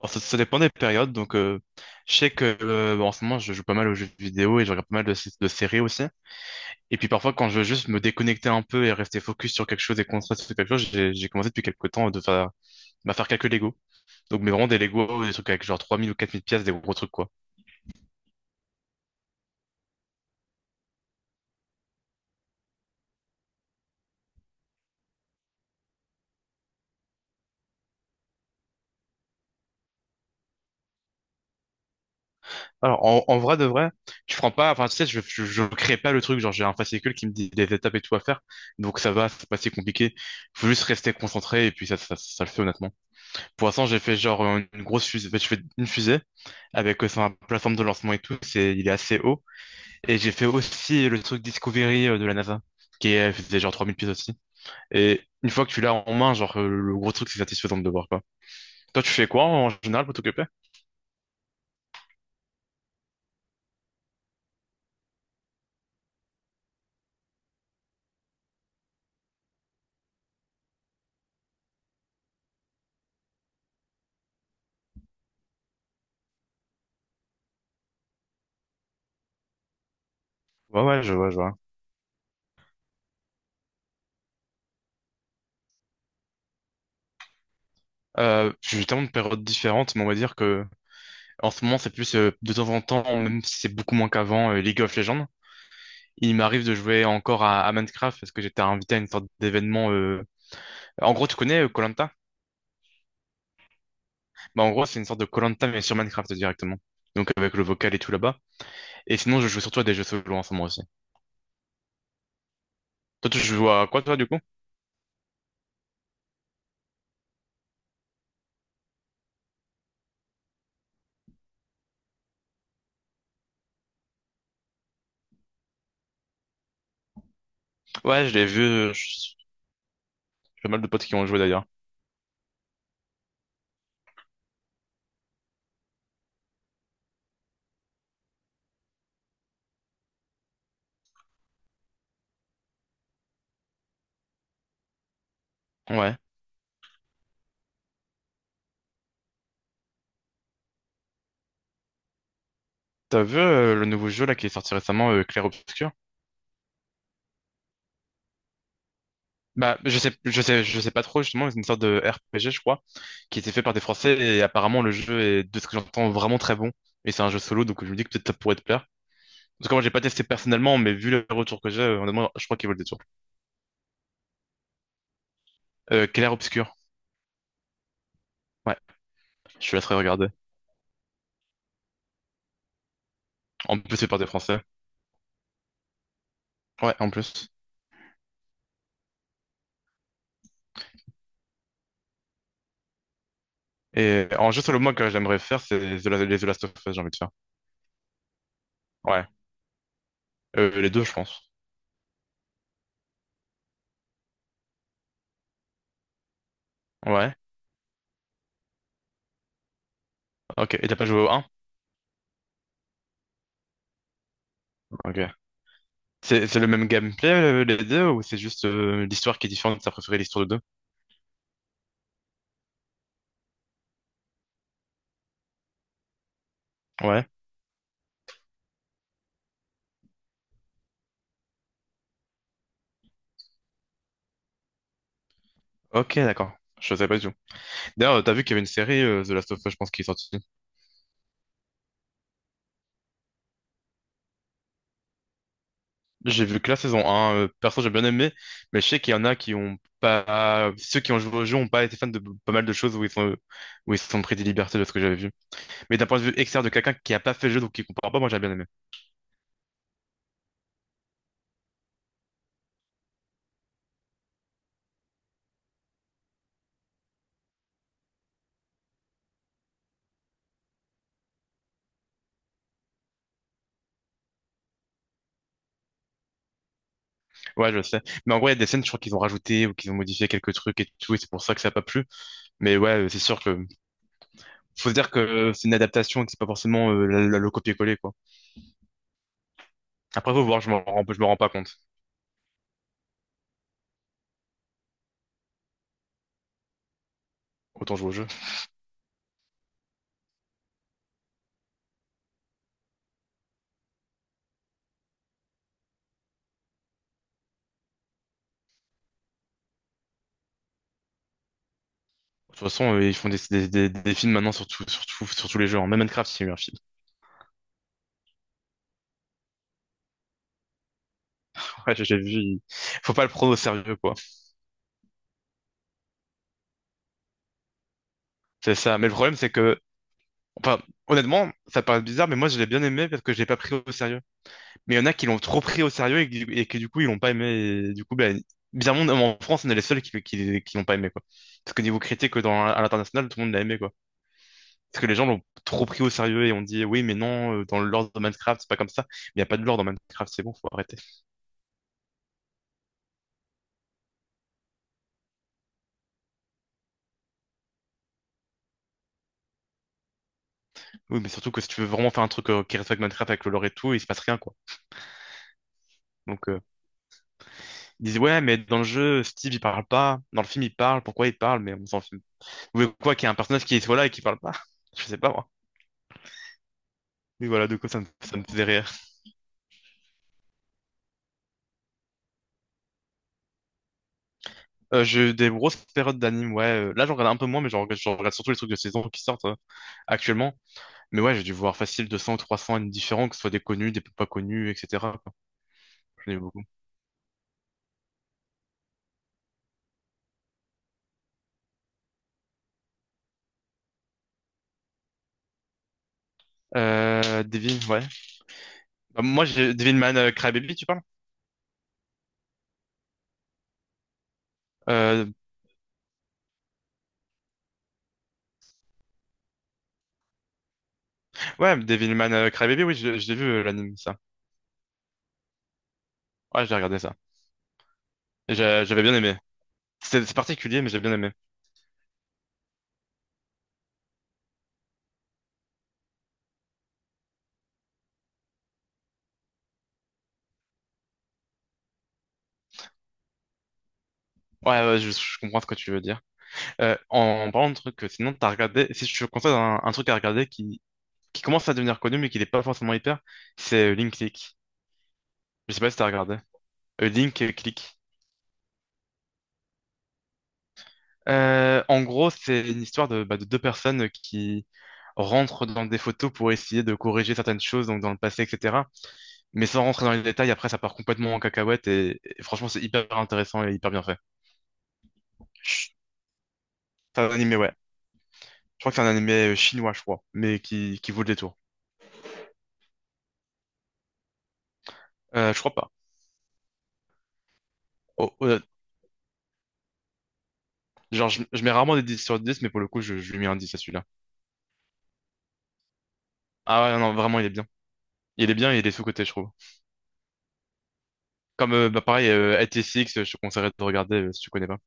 Alors, ça dépend des périodes. Donc, je sais que en ce moment, je joue pas mal aux jeux vidéo et je regarde pas mal de séries aussi. Et puis parfois, quand je veux juste me déconnecter un peu et rester focus sur quelque chose et concentrer sur quelque chose, j'ai commencé depuis quelques temps de faire, bah, faire quelques Lego. Donc, mais vraiment des Lego, des trucs avec genre 3000 ou 4000 pièces, des gros trucs, quoi. Alors, en, en vrai de vrai, je prends pas, enfin, tu sais, je crée pas le truc, genre, j'ai un fascicule qui me dit des étapes et tout à faire, donc ça va, c'est pas si compliqué. Faut juste rester concentré et puis ça le fait honnêtement. Pour l'instant, j'ai fait genre une grosse fusée, ben, je fais une fusée avec sa plateforme de lancement et tout, c'est, il est assez haut. Et j'ai fait aussi le truc Discovery de la NASA, qui est, faisait genre 3000 pieds aussi. Et une fois que tu l'as en main, genre, le gros truc, c'est satisfaisant de le voir, quoi. Toi, tu fais quoi en général pour t'occuper? Ouais, ouais, je vois, je vois. J'ai tellement de périodes différentes, mais on va dire que en ce moment c'est plus de temps en temps, même si c'est beaucoup moins qu'avant, League of Legends. Il m'arrive de jouer encore à Minecraft parce que j'étais invité à une sorte d'événement. En gros, tu connais koh. Bah, en gros, c'est une sorte de koh mais sur Minecraft directement. Donc avec le vocal et tout là-bas. Et sinon, je joue surtout à des jeux solo en ce moment aussi. Toi, tu joues à quoi toi du coup? Ouais, je l'ai vu. J'ai pas mal de potes qui ont joué d'ailleurs. Ouais. T'as vu le nouveau jeu là qui est sorti récemment, Clair Obscur? Bah, je sais pas trop, justement, c'est une sorte de RPG, je crois, qui était fait par des Français, et apparemment, le jeu est, de ce que j'entends, vraiment très bon. Et c'est un jeu solo, donc je me dis que peut-être ça pourrait te plaire. En tout cas, moi, j'ai pas testé personnellement, mais vu les retours que j'ai, honnêtement, je crois qu'ils veulent des tours. Clair Obscur. Ouais, je laisserai regarder. En plus, c'est par des Français. Ouais, en plus. Et en jeu solo, moi, que j'aimerais faire, c'est les The Last of Us, j'ai envie de faire. Ouais. Les deux, je pense. Ouais. Ok. Et t'as pas joué au un. Ok. C'est le même gameplay, les deux, ou c'est juste l'histoire qui est différente, t'as préféré l'histoire de. Ouais. Ok, d'accord. Je savais pas du tout. D'ailleurs, t'as vu qu'il y avait une série The Last of Us, je pense, qui est sortie. J'ai vu que la saison un, perso, j'ai bien aimé, mais je sais qu'il y en a qui ont pas. Ceux qui ont joué au jeu ont pas été fans de pas mal de choses où ils se sont pris des libertés de ce que j'avais vu. Mais d'un point de vue externe de quelqu'un qui a pas fait le jeu donc qui comprend pas, moi j'ai bien aimé. Ouais, je sais. Mais en gros, il y a des scènes, je crois qu'ils ont rajouté ou qu'ils ont modifié quelques trucs et tout, et c'est pour ça que ça a pas plu. Mais ouais, c'est sûr que faut se dire que c'est une adaptation et que c'est pas forcément le copier-coller quoi. Après faut voir, je me rends pas compte. Autant jouer au jeu. De toute façon, ils font des films maintenant sur tous les jeux, hein. Même Minecraft, il y a eu un film. Ouais, j'ai vu. Faut pas le prendre au sérieux quoi. C'est ça. Mais le problème c'est que, enfin, honnêtement, ça paraît bizarre, mais moi je l'ai bien aimé parce que je l'ai pas pris au sérieux. Mais il y en a qui l'ont trop pris au sérieux et, qui et que du coup ils l'ont pas aimé. Et du coup, ben, bizarrement, en France, on est les seuls qui l'ont pas aimé quoi. Parce que niveau critique dans à l'international, tout le monde l'a aimé quoi. Parce que les gens l'ont trop pris au sérieux et ont dit oui, mais non, dans le lore de Minecraft, c'est pas comme ça. Il n'y a pas de lore dans Minecraft, c'est bon, faut arrêter. Oui, mais surtout que si tu veux vraiment faire un truc qui respecte Minecraft avec le lore et tout, il se passe rien, quoi. Donc, ils disent ouais, mais dans le jeu, Steve, il parle pas. Dans le film, il parle. Pourquoi il parle? Mais on s'en fout. Vous voulez quoi, qu'il y ait un personnage qui soit là et qui parle pas? Je sais pas, moi. Oui, voilà, du coup, ça me faisait rire. J'ai eu des grosses périodes d'anime, ouais. Là, j'en regarde un peu moins, mais j'en regarde surtout les trucs de saison qui sortent actuellement. Mais ouais, j'ai dû voir facile 200 ou 300 animes différents, que ce soit des connus, des peu pas connus, etc. quoi. J'en ai beaucoup. Devin, ouais. Bah, moi, j'ai Devilman Crybaby, tu parles? Euh, ouais, Devilman Crybaby, oui, je l'ai vu l'anime, ça. Ouais, j'ai regardé ça. J'avais bien aimé. C'est particulier, mais j'ai bien aimé. Ouais, ouais, je comprends ce que tu veux dire. En parlant de trucs que sinon t'as regardé, si je te conseille un truc à regarder qui, commence à devenir connu mais qui n'est pas forcément hyper, c'est Link League. Je sais pas si t'as regardé. Link Click. En gros, c'est une histoire bah, de deux personnes qui rentrent dans des photos pour essayer de corriger certaines choses, donc dans le passé, etc. Mais sans rentrer dans les détails, après, ça part complètement en cacahuète et franchement, c'est hyper intéressant et hyper bien fait. Chut. C'est un animé, ouais. Je crois que c'est un animé chinois, je crois, mais qui vaut le détour. Je crois pas. Oh, oh, genre, je mets rarement des 10 sur 10, mais pour le coup, je lui mets un 10 à celui-là. Ah ouais, non, vraiment, il est bien. Il est bien et il est sous-coté, je trouve. Comme bah, pareil, ATCX, je te conseillerais de regarder si tu connais pas.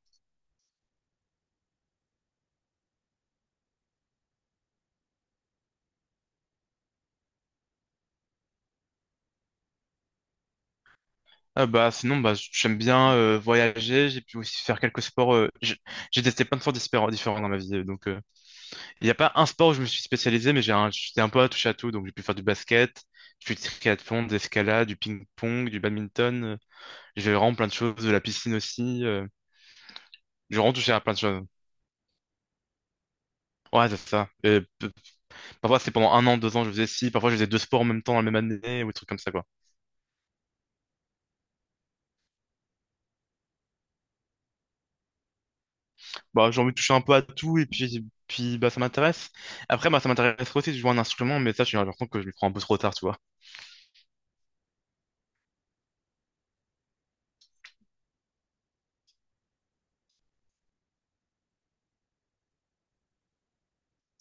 Ah bah sinon bah j'aime bien voyager, j'ai pu aussi faire quelques sports. J'ai testé plein de sports différents dans ma vie, donc il n'y a pas un sport où je me suis spécialisé, mais j'étais un peu à touche à tout, donc j'ai pu faire du basket, j'ai fait du triathlon, de l'escalade, du ping-pong, du badminton, j'ai fait vraiment plein de choses, de la piscine aussi. J'ai vraiment touché à plein de choses. Ouais, c'est ça. Et parfois, c'est pendant 1 an, 2 ans, je faisais ci. Parfois, je faisais deux sports en même temps dans la même année ou des trucs comme ça, quoi. Bah, j'ai envie de toucher un peu à tout et puis, bah, ça m'intéresse. Après, bah, ça m'intéresse aussi de jouer un instrument, mais ça, j'ai l'impression que je le prends un peu trop tard, tu vois.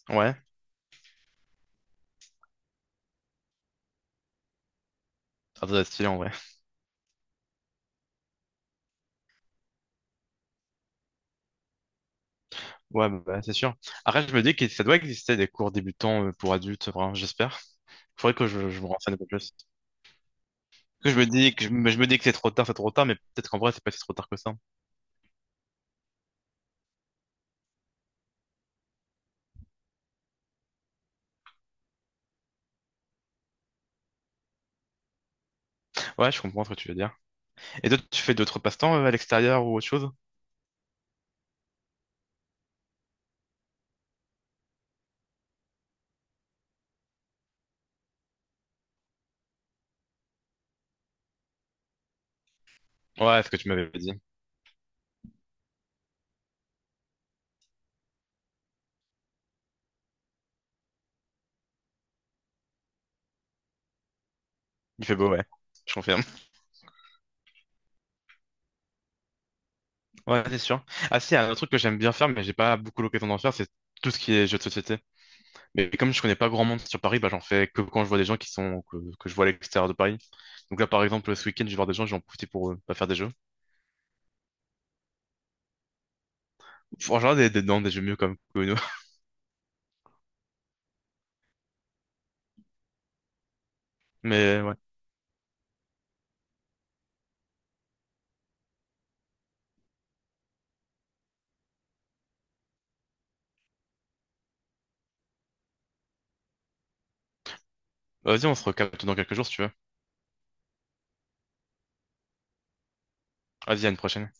Ouais, ça doit être stylé en vrai. Ouais, bah, bah, c'est sûr. Après, je me dis que ça doit exister des cours débutants pour adultes, vraiment, j'espère. Faudrait que je me renseigne un peu plus. Parce que je me dis que c'est trop tard, mais peut-être qu'en vrai, c'est pas si trop tard que ça. Ouais, je comprends ce que tu veux dire. Et toi, tu fais d'autres passe-temps à l'extérieur ou autre chose? Ouais, ce que tu m'avais dit. Il fait beau, ouais. Je confirme. Ouais, c'est sûr. Ah si, un autre truc que j'aime bien faire, mais j'ai pas beaucoup l'occasion d'en faire, c'est tout ce qui est jeux de société. Mais comme je connais pas grand monde sur Paris, bah j'en fais que quand je vois des gens que je vois à l'extérieur de Paris. Donc là, par exemple, ce week-end, je vais voir des gens, j'en profite pour bah, faire des jeux. Faut En général, des, non, des jeux mieux comme que nous. Mais ouais. Vas-y, on se recapte dans quelques jours si tu veux. Vas-y, à une prochaine.